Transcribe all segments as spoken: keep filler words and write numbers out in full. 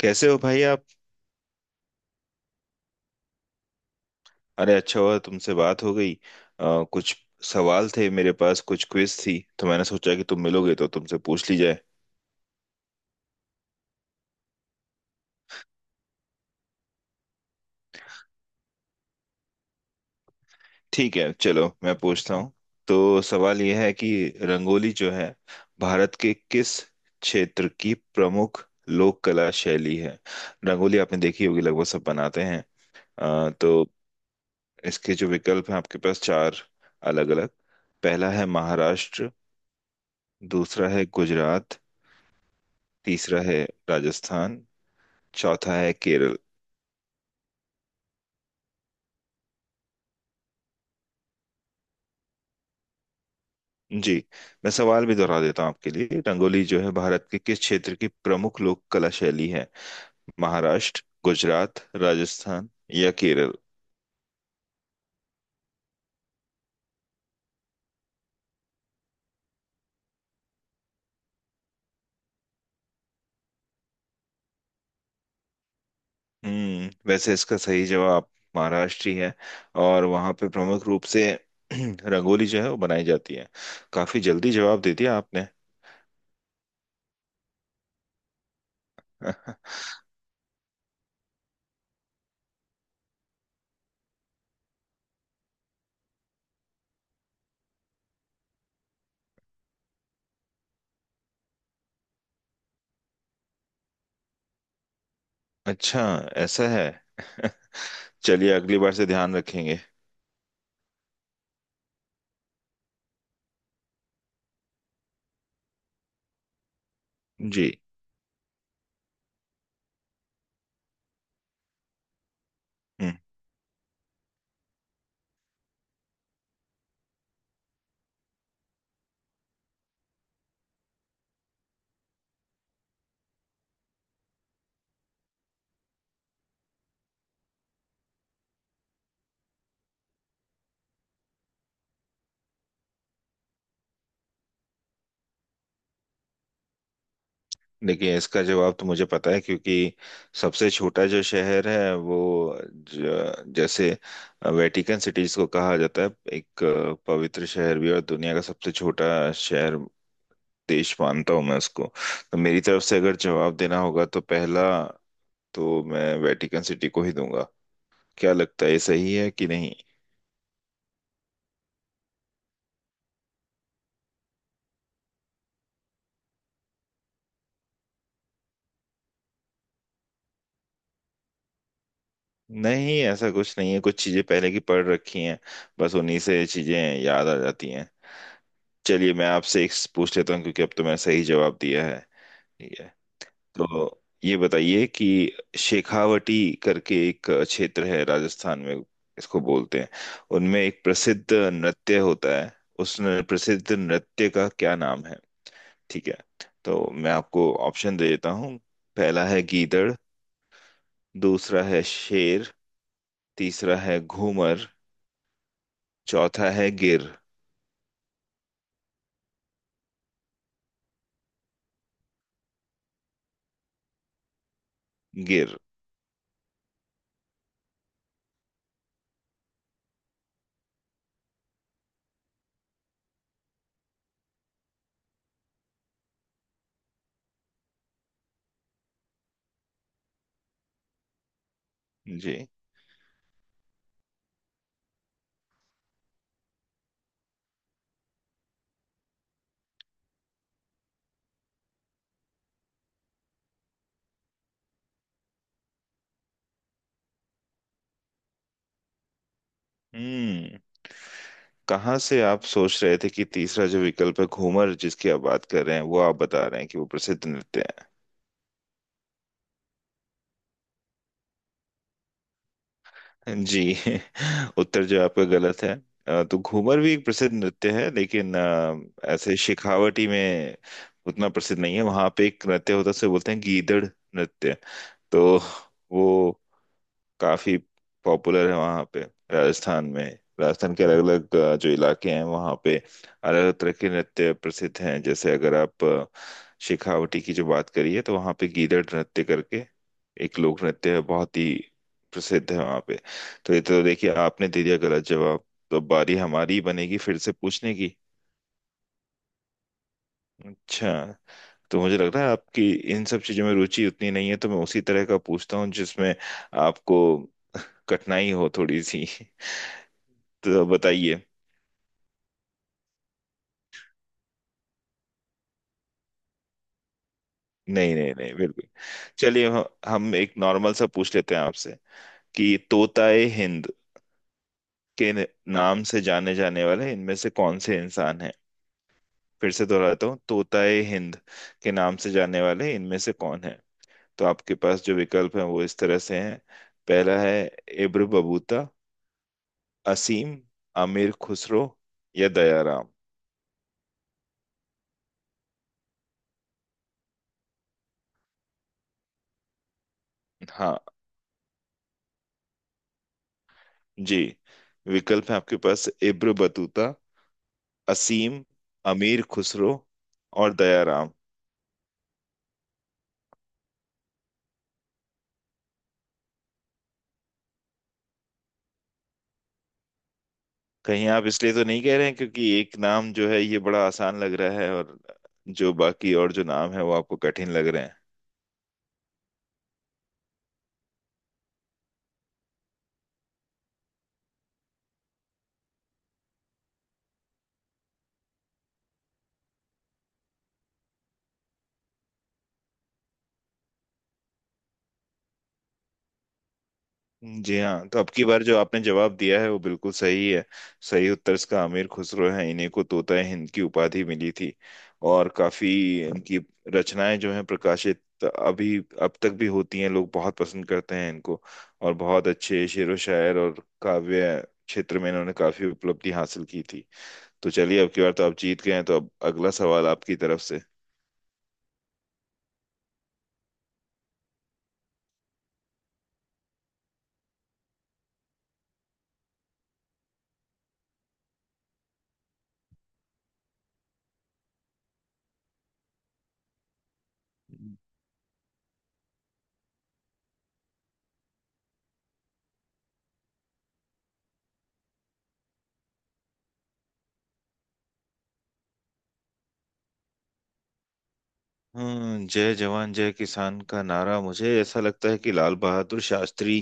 कैसे हो भाई आप। अरे अच्छा हुआ तुमसे बात हो गई। अ, कुछ सवाल थे मेरे पास, कुछ क्विज थी, तो मैंने सोचा कि तुम मिलोगे तो तुमसे पूछ ली जाए। ठीक है, चलो मैं पूछता हूँ। तो सवाल यह है कि रंगोली जो है भारत के किस क्षेत्र की प्रमुख लोक कला शैली है। रंगोली आपने देखी होगी, लगभग सब बनाते हैं। अ, तो इसके जो विकल्प हैं आपके पास चार अलग अलग। पहला है महाराष्ट्र, दूसरा है गुजरात, तीसरा है राजस्थान, चौथा है केरल। जी, मैं सवाल भी दोहरा देता हूँ आपके लिए। रंगोली जो है भारत के किस क्षेत्र की प्रमुख लोक कला शैली है। महाराष्ट्र, गुजरात, राजस्थान या केरल। हम्म, वैसे इसका सही जवाब महाराष्ट्र ही है, और वहाँ पे प्रमुख रूप से रंगोली जो है वो बनाई जाती है। काफी जल्दी जवाब दे दिया आपने। अच्छा, ऐसा है। चलिए, अगली बार से ध्यान रखेंगे। जी। हम्म। देखिए, इसका जवाब तो मुझे पता है, क्योंकि सबसे छोटा जो शहर है वो ज- जैसे वेटिकन सिटीज को कहा जाता है। एक अ, पवित्र शहर भी, और दुनिया का सबसे छोटा शहर, देश मानता हूँ मैं उसको। तो मेरी तरफ से अगर जवाब देना होगा तो पहला, तो मैं वेटिकन सिटी को ही दूंगा। क्या लगता है ये सही है कि नहीं। नहीं, ऐसा कुछ नहीं है, कुछ चीजें पहले की पढ़ रखी हैं, बस उन्हीं से चीजें याद आ जाती हैं। चलिए, मैं आपसे एक पूछ लेता हूँ क्योंकि अब तो मैंने सही जवाब दिया है। ठीक है, तो ये बताइए कि शेखावटी करके एक क्षेत्र है राजस्थान में, इसको बोलते हैं, उनमें एक प्रसिद्ध नृत्य होता है। उस न- प्रसिद्ध नृत्य का क्या नाम है। ठीक है, तो मैं आपको ऑप्शन दे देता हूँ। पहला है गीदड़, दूसरा है शेर, तीसरा है घूमर, चौथा है गिर। गिर। जी। हम्म, कहाँ से आप सोच रहे थे कि तीसरा जो विकल्प है घूमर जिसकी आप बात कर रहे हैं, वो आप बता रहे हैं कि वो प्रसिद्ध नृत्य है। जी। उत्तर जो आपका गलत है। अ, तो घूमर भी एक प्रसिद्ध नृत्य है, लेकिन अ, ऐसे शेखावटी में उतना प्रसिद्ध नहीं है। वहां पे एक नृत्य होता है उसे बोलते हैं गीदड़ नृत्य। तो वो काफी पॉपुलर है वहाँ पे, राजस्थान में। राजस्थान के अलग अलग जो इलाके हैं वहाँ पे अलग अलग तरह के नृत्य प्रसिद्ध हैं। जैसे अगर आप अ, शेखावटी की जो बात करिए, तो वहाँ पे गीदड़ नृत्य करके एक लोक नृत्य है, बहुत ही प्रसिद्ध है वहाँ पे। तो ये तो देखिए, आपने दे दिया गलत जवाब, तो बारी हमारी ही बनेगी फिर से पूछने की। अच्छा, तो मुझे लग रहा है आपकी इन सब चीजों में रुचि उतनी नहीं है, तो मैं उसी तरह का पूछता हूँ जिसमें आपको कठिनाई हो थोड़ी सी। तो बताइए। नहीं नहीं नहीं, बिल्कुल। चलिए, ह- हम एक नॉर्मल सा पूछ लेते हैं आपसे कि तोताए हिंद के न- नाम से जाने जाने वाले इनमें से कौन से इंसान हैं। फिर से दोहराता हूँ, तोताए हिंद के नाम से जाने वाले इनमें से कौन है। तो आपके पास जो विकल्प हैं वो इस तरह से हैं। पहला है इब्र बबूता, असीम, आमिर खुसरो या दयाराम। हाँ। जी, विकल्प है आपके पास इब्र बतूता, असीम, अमीर खुसरो और दयाराम। कहीं आप इसलिए तो नहीं कह रहे हैं क्योंकि एक नाम जो है ये बड़ा आसान लग रहा है, और जो बाकी और जो नाम है वो आपको कठिन लग रहे हैं। जी हाँ, तो अब की बार जो आपने जवाब दिया है वो बिल्कुल सही है। सही उत्तर इसका अमीर खुसरो है, इन्हें को तोता हिंद की उपाधि मिली थी। और काफी इनकी रचनाएं जो हैं प्रकाशित अभी अब तक भी होती हैं, लोग बहुत पसंद करते हैं इनको। और बहुत अच्छे शेरो शायर और काव्य क्षेत्र में इन्होंने काफी उपलब्धि हासिल की थी। तो चलिए, अब की बार तो आप जीत गए हैं, तो अब अगला सवाल आपकी तरफ से। हम्म, जय जवान जय किसान का नारा मुझे ऐसा लगता है कि लाल बहादुर शास्त्री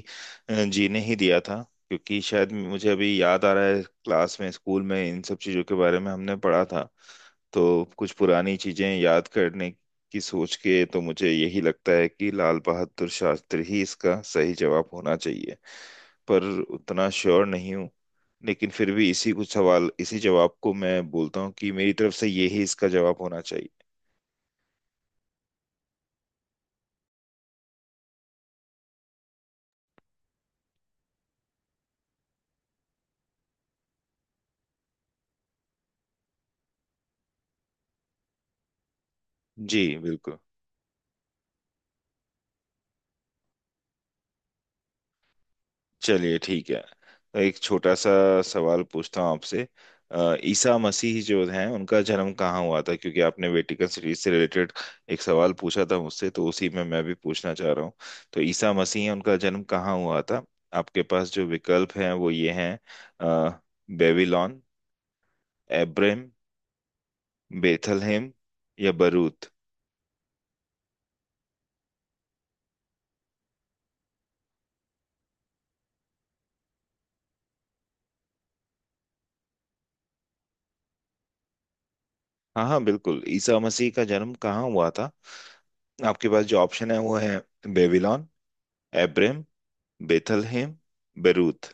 अ, जी ने ही दिया था। क्योंकि शायद मुझे अभी याद आ रहा है, क्लास में, स्कूल में इन सब चीजों के बारे में हमने पढ़ा था। तो कुछ पुरानी चीजें याद करने की सोच के तो मुझे यही लगता है कि लाल बहादुर शास्त्री ही इसका सही जवाब होना चाहिए। पर उतना श्योर नहीं हूँ। लेकिन फिर भी इसी कुछ सवाल इसी जवाब को मैं बोलता हूँ कि मेरी तरफ से यही इसका जवाब होना चाहिए। जी बिल्कुल। चलिए, ठीक है। तो एक छोटा सा सवाल पूछता हूँ आपसे। अ, ईसा मसीह जो हैं उनका जन्म कहाँ हुआ था, क्योंकि आपने वेटिकन सिटीज से रिलेटेड एक सवाल पूछा था मुझसे, तो उसी में मैं भी पूछना चाह रहा हूँ। तो ईसा मसीह हैं, उनका जन्म कहाँ हुआ था। आपके पास जो विकल्प हैं वो ये हैं। अ, बेबीलोन, एब्रेम, बेथलहेम या बरूत। हाँ हाँ बिल्कुल, ईसा मसीह का जन्म कहाँ हुआ था। आपके पास जो ऑप्शन है वो है बेबीलोन, एब्रम, बेथलहेम, बेरूत।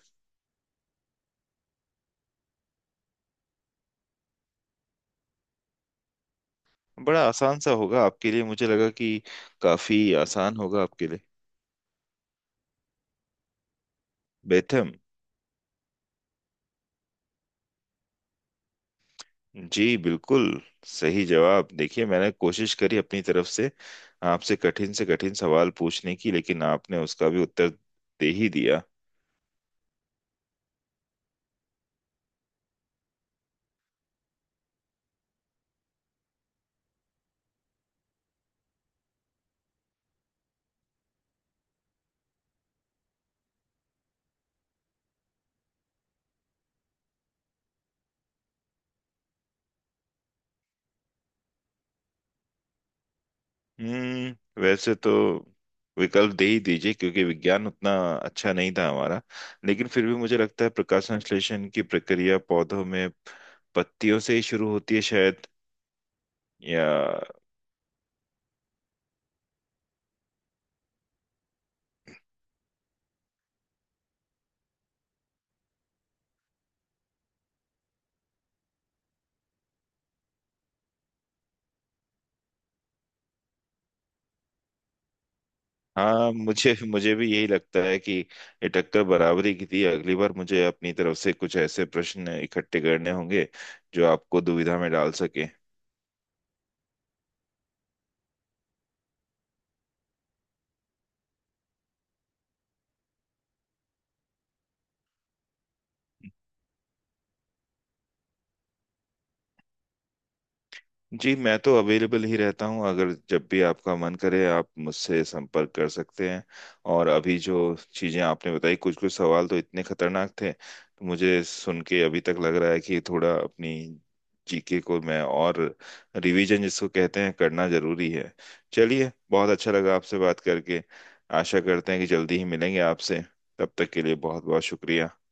बड़ा आसान सा होगा आपके लिए, मुझे लगा कि काफी आसान होगा आपके लिए। बेथम। जी बिल्कुल, सही जवाब। देखिए, मैंने कोशिश करी अपनी तरफ से आपसे कठिन से कठिन सवाल पूछने की, लेकिन आपने उसका भी उत्तर दे ही दिया। हम्म, वैसे तो विकल्प दे ही दीजिए, क्योंकि विज्ञान उतना अच्छा नहीं था हमारा। लेकिन फिर भी मुझे लगता है प्रकाश संश्लेषण की प्रक्रिया पौधों में पत्तियों से ही शुरू होती है शायद, या। हाँ, मुझे मुझे भी यही लगता है कि ये टक्कर बराबरी की थी। अगली बार मुझे अपनी तरफ से कुछ ऐसे प्रश्न इकट्ठे करने होंगे जो आपको दुविधा में डाल सके। जी, मैं तो अवेलेबल ही रहता हूँ, अगर जब भी आपका मन करे आप मुझसे संपर्क कर सकते हैं। और अभी जो चीज़ें आपने बताई, कुछ कुछ सवाल तो इतने खतरनाक थे तो मुझे सुन के अभी तक लग रहा है कि थोड़ा अपनी जी के को मैं और रिवीजन जिसको कहते हैं करना जरूरी है। चलिए, बहुत अच्छा लगा आपसे बात करके। आशा करते हैं कि जल्दी ही मिलेंगे आपसे। तब तक के लिए बहुत बहुत शुक्रिया।